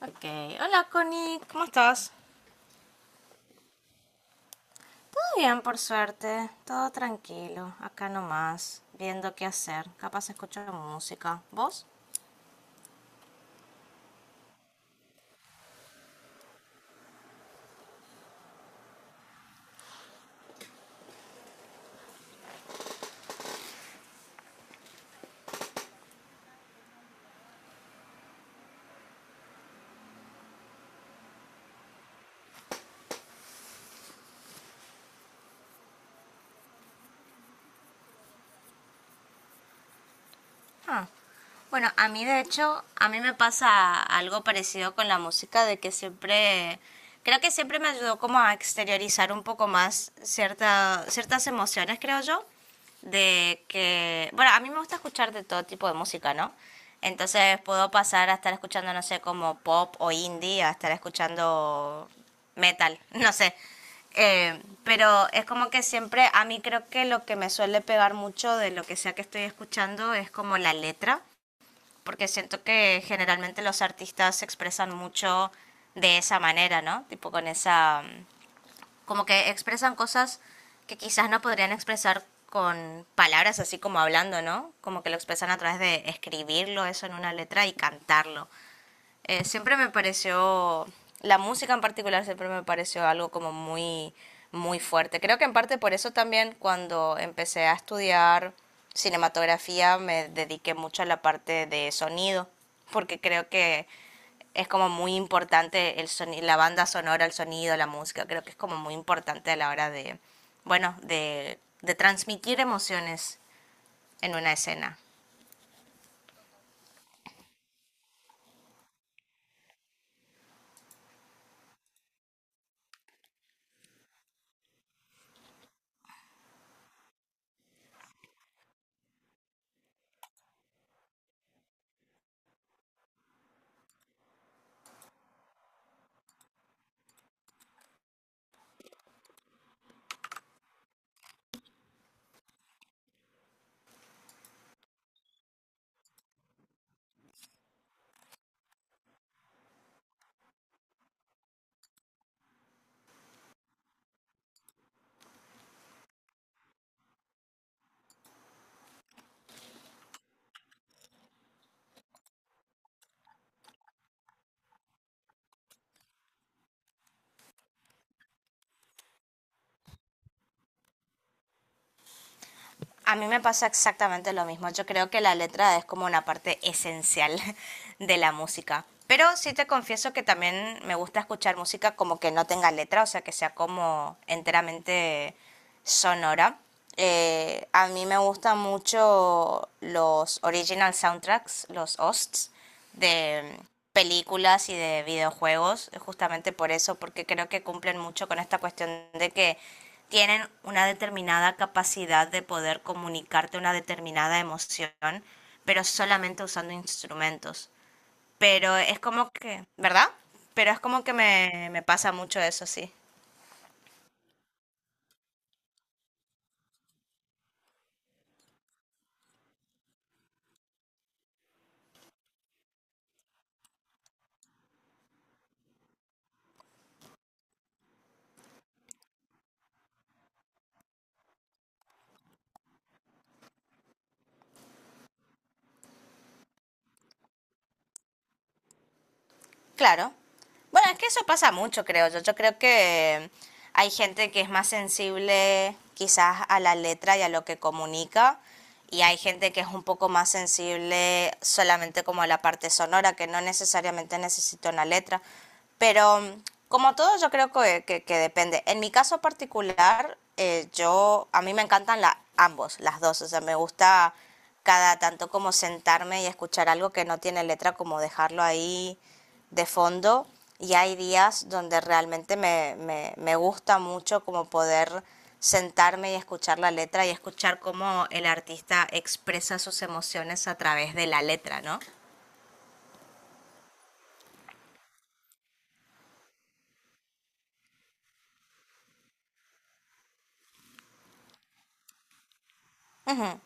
Ok, hola Connie, ¿cómo estás? Todo bien, por suerte, todo tranquilo, acá nomás, viendo qué hacer, capaz escucho música. ¿Vos? Ah, bueno, a mí de hecho, a mí me pasa algo parecido con la música, de que siempre, creo que siempre me ayudó como a exteriorizar un poco más cierta, ciertas emociones, creo yo, de que, bueno, a mí me gusta escuchar de todo tipo de música, ¿no? Entonces puedo pasar a estar escuchando, no sé, como pop o indie, a estar escuchando metal, no sé. Pero es como que siempre, a mí creo que lo que me suele pegar mucho de lo que sea que estoy escuchando es como la letra, porque siento que generalmente los artistas se expresan mucho de esa manera, ¿no? Tipo con esa, como que expresan cosas que quizás no podrían expresar con palabras así como hablando, ¿no? Como que lo expresan a través de escribirlo eso en una letra y cantarlo. Siempre me pareció, la música en particular siempre me pareció algo como muy, muy fuerte. Creo que en parte por eso también cuando empecé a estudiar cinematografía me dediqué mucho a la parte de sonido, porque creo que es como muy importante el la banda sonora, el sonido, la música, creo que es como muy importante a la hora de, bueno, de transmitir emociones en una escena. A mí me pasa exactamente lo mismo. Yo creo que la letra es como una parte esencial de la música. Pero sí te confieso que también me gusta escuchar música como que no tenga letra, o sea, que sea como enteramente sonora. A mí me gustan mucho los original soundtracks, los OSTs de películas y de videojuegos, justamente por eso, porque creo que cumplen mucho con esta cuestión de que tienen una determinada capacidad de poder comunicarte una determinada emoción, pero solamente usando instrumentos. Pero es como que, ¿verdad? Pero es como que me pasa mucho eso, sí. Claro. Bueno, es que eso pasa mucho, creo yo. Yo creo que hay gente que es más sensible quizás a la letra y a lo que comunica, y hay gente que es un poco más sensible solamente como a la parte sonora, que no necesariamente necesita una letra. Pero como todo, yo creo que, que depende. En mi caso particular, yo, a mí me encantan la, ambos, las dos. O sea, me gusta cada tanto como sentarme y escuchar algo que no tiene letra, como dejarlo ahí de fondo, y hay días donde realmente me gusta mucho como poder sentarme y escuchar la letra y escuchar cómo el artista expresa sus emociones a través de la letra, ¿no? Ujú.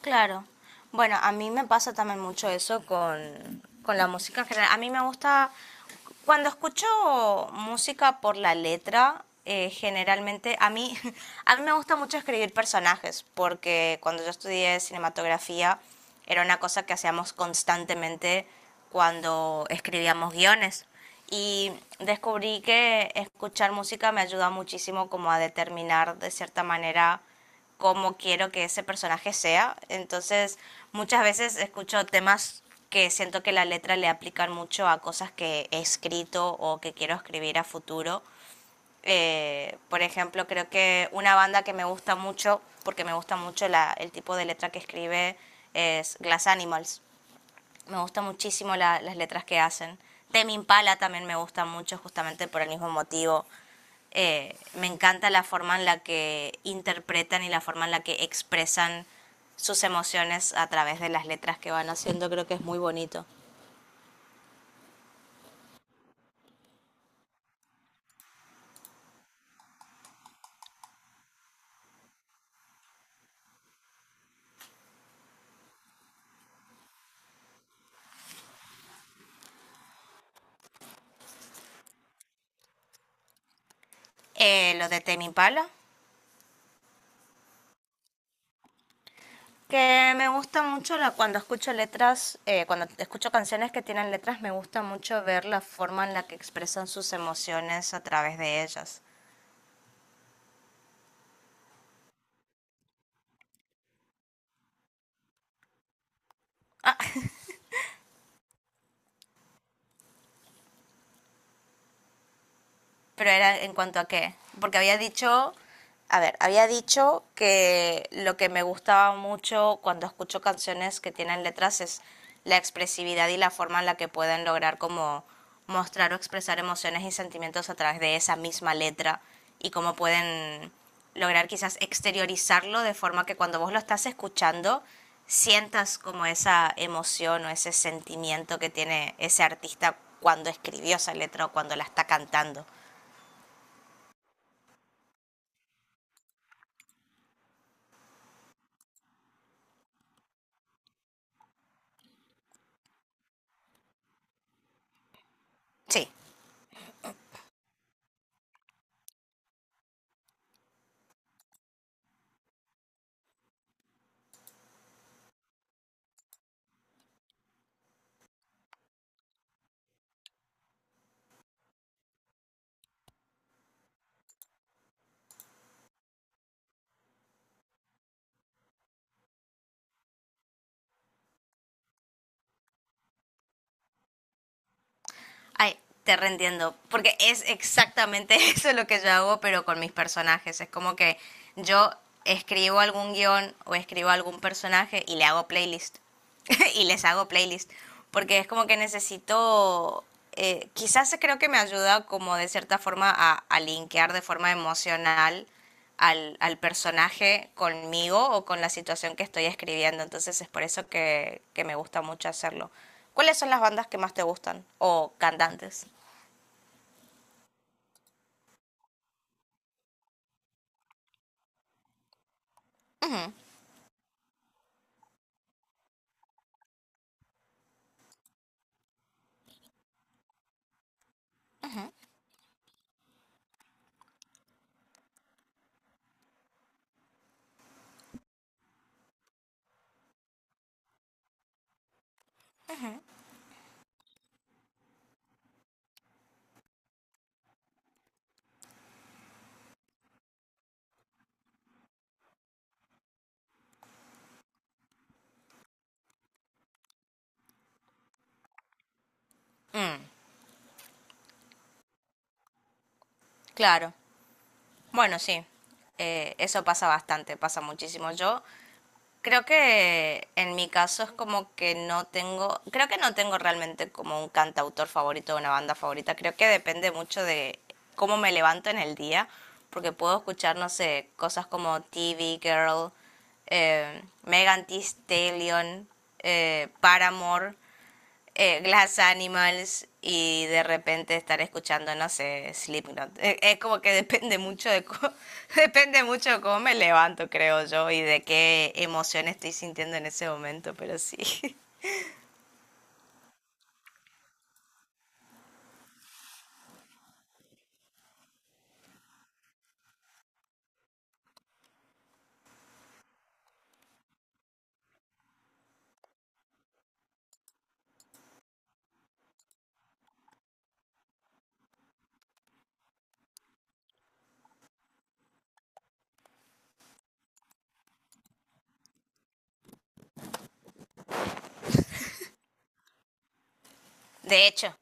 Claro. Bueno, a mí me pasa también mucho eso con la música en general. A mí me gusta, cuando escucho música por la letra, generalmente, a mí, a mí me gusta mucho escribir personajes, porque cuando yo estudié cinematografía era una cosa que hacíamos constantemente cuando escribíamos guiones. Y descubrí que escuchar música me ayuda muchísimo como a determinar de cierta manera cómo quiero que ese personaje sea. Entonces, muchas veces escucho temas que siento que la letra le aplican mucho a cosas que he escrito o que quiero escribir a futuro. Por ejemplo, creo que una banda que me gusta mucho, porque me gusta mucho el tipo de letra que escribe, es Glass Animals. Me gustan muchísimo las letras que hacen. Temi Impala también me gusta mucho, justamente por el mismo motivo. Me encanta la forma en la que interpretan y la forma en la que expresan sus emociones a través de las letras que van haciendo. Creo que es muy bonito. Lo de Temi Impala, que me gusta mucho cuando escucho letras, cuando escucho canciones que tienen letras, me gusta mucho ver la forma en la que expresan sus emociones a través de ellas. Pero era en cuanto a qué. Porque había dicho, a ver, había dicho que lo que me gustaba mucho cuando escucho canciones que tienen letras es la expresividad y la forma en la que pueden lograr como mostrar o expresar emociones y sentimientos a través de esa misma letra y cómo pueden lograr quizás exteriorizarlo de forma que cuando vos lo estás escuchando sientas como esa emoción o ese sentimiento que tiene ese artista cuando escribió esa letra o cuando la está cantando. Sí, ay, te reentiendo, porque es exactamente eso lo que yo hago, pero con mis personajes. Es como que yo escribo algún guión o escribo algún personaje y le hago playlist. Y les hago playlist, porque es como que necesito, quizás creo que me ayuda como de cierta forma a linkear de forma emocional al personaje conmigo o con la situación que estoy escribiendo, entonces es por eso que me gusta mucho hacerlo. ¿Cuáles son las bandas que más te gustan o cantantes? Ujú, mm, claro, bueno, sí, eso pasa bastante, pasa muchísimo. Yo creo que en mi caso es como que no tengo, creo que no tengo realmente como un cantautor favorito o una banda favorita. Creo que depende mucho de cómo me levanto en el día, porque puedo escuchar, no sé, cosas como TV Girl, Megan Thee Stallion, Paramore, Glass Animals, y de repente estar escuchando, no sé, Slipknot. Es como que depende mucho de depende mucho de cómo me levanto, creo yo, y de qué emoción estoy sintiendo en ese momento, pero sí. De hecho.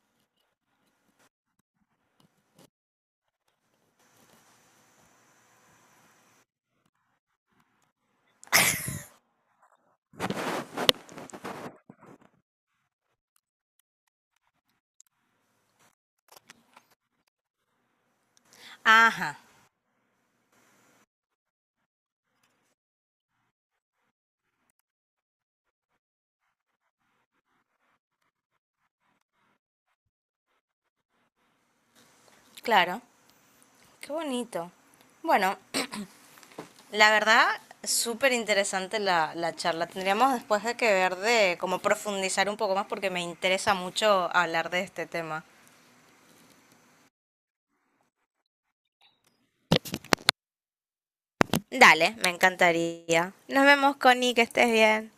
Ajá, claro. Qué bonito. Bueno, la verdad, súper interesante la, la charla. Tendríamos después de que ver de cómo profundizar un poco más porque me interesa mucho hablar de este tema. Dale, me encantaría. Nos vemos, Connie, que estés bien.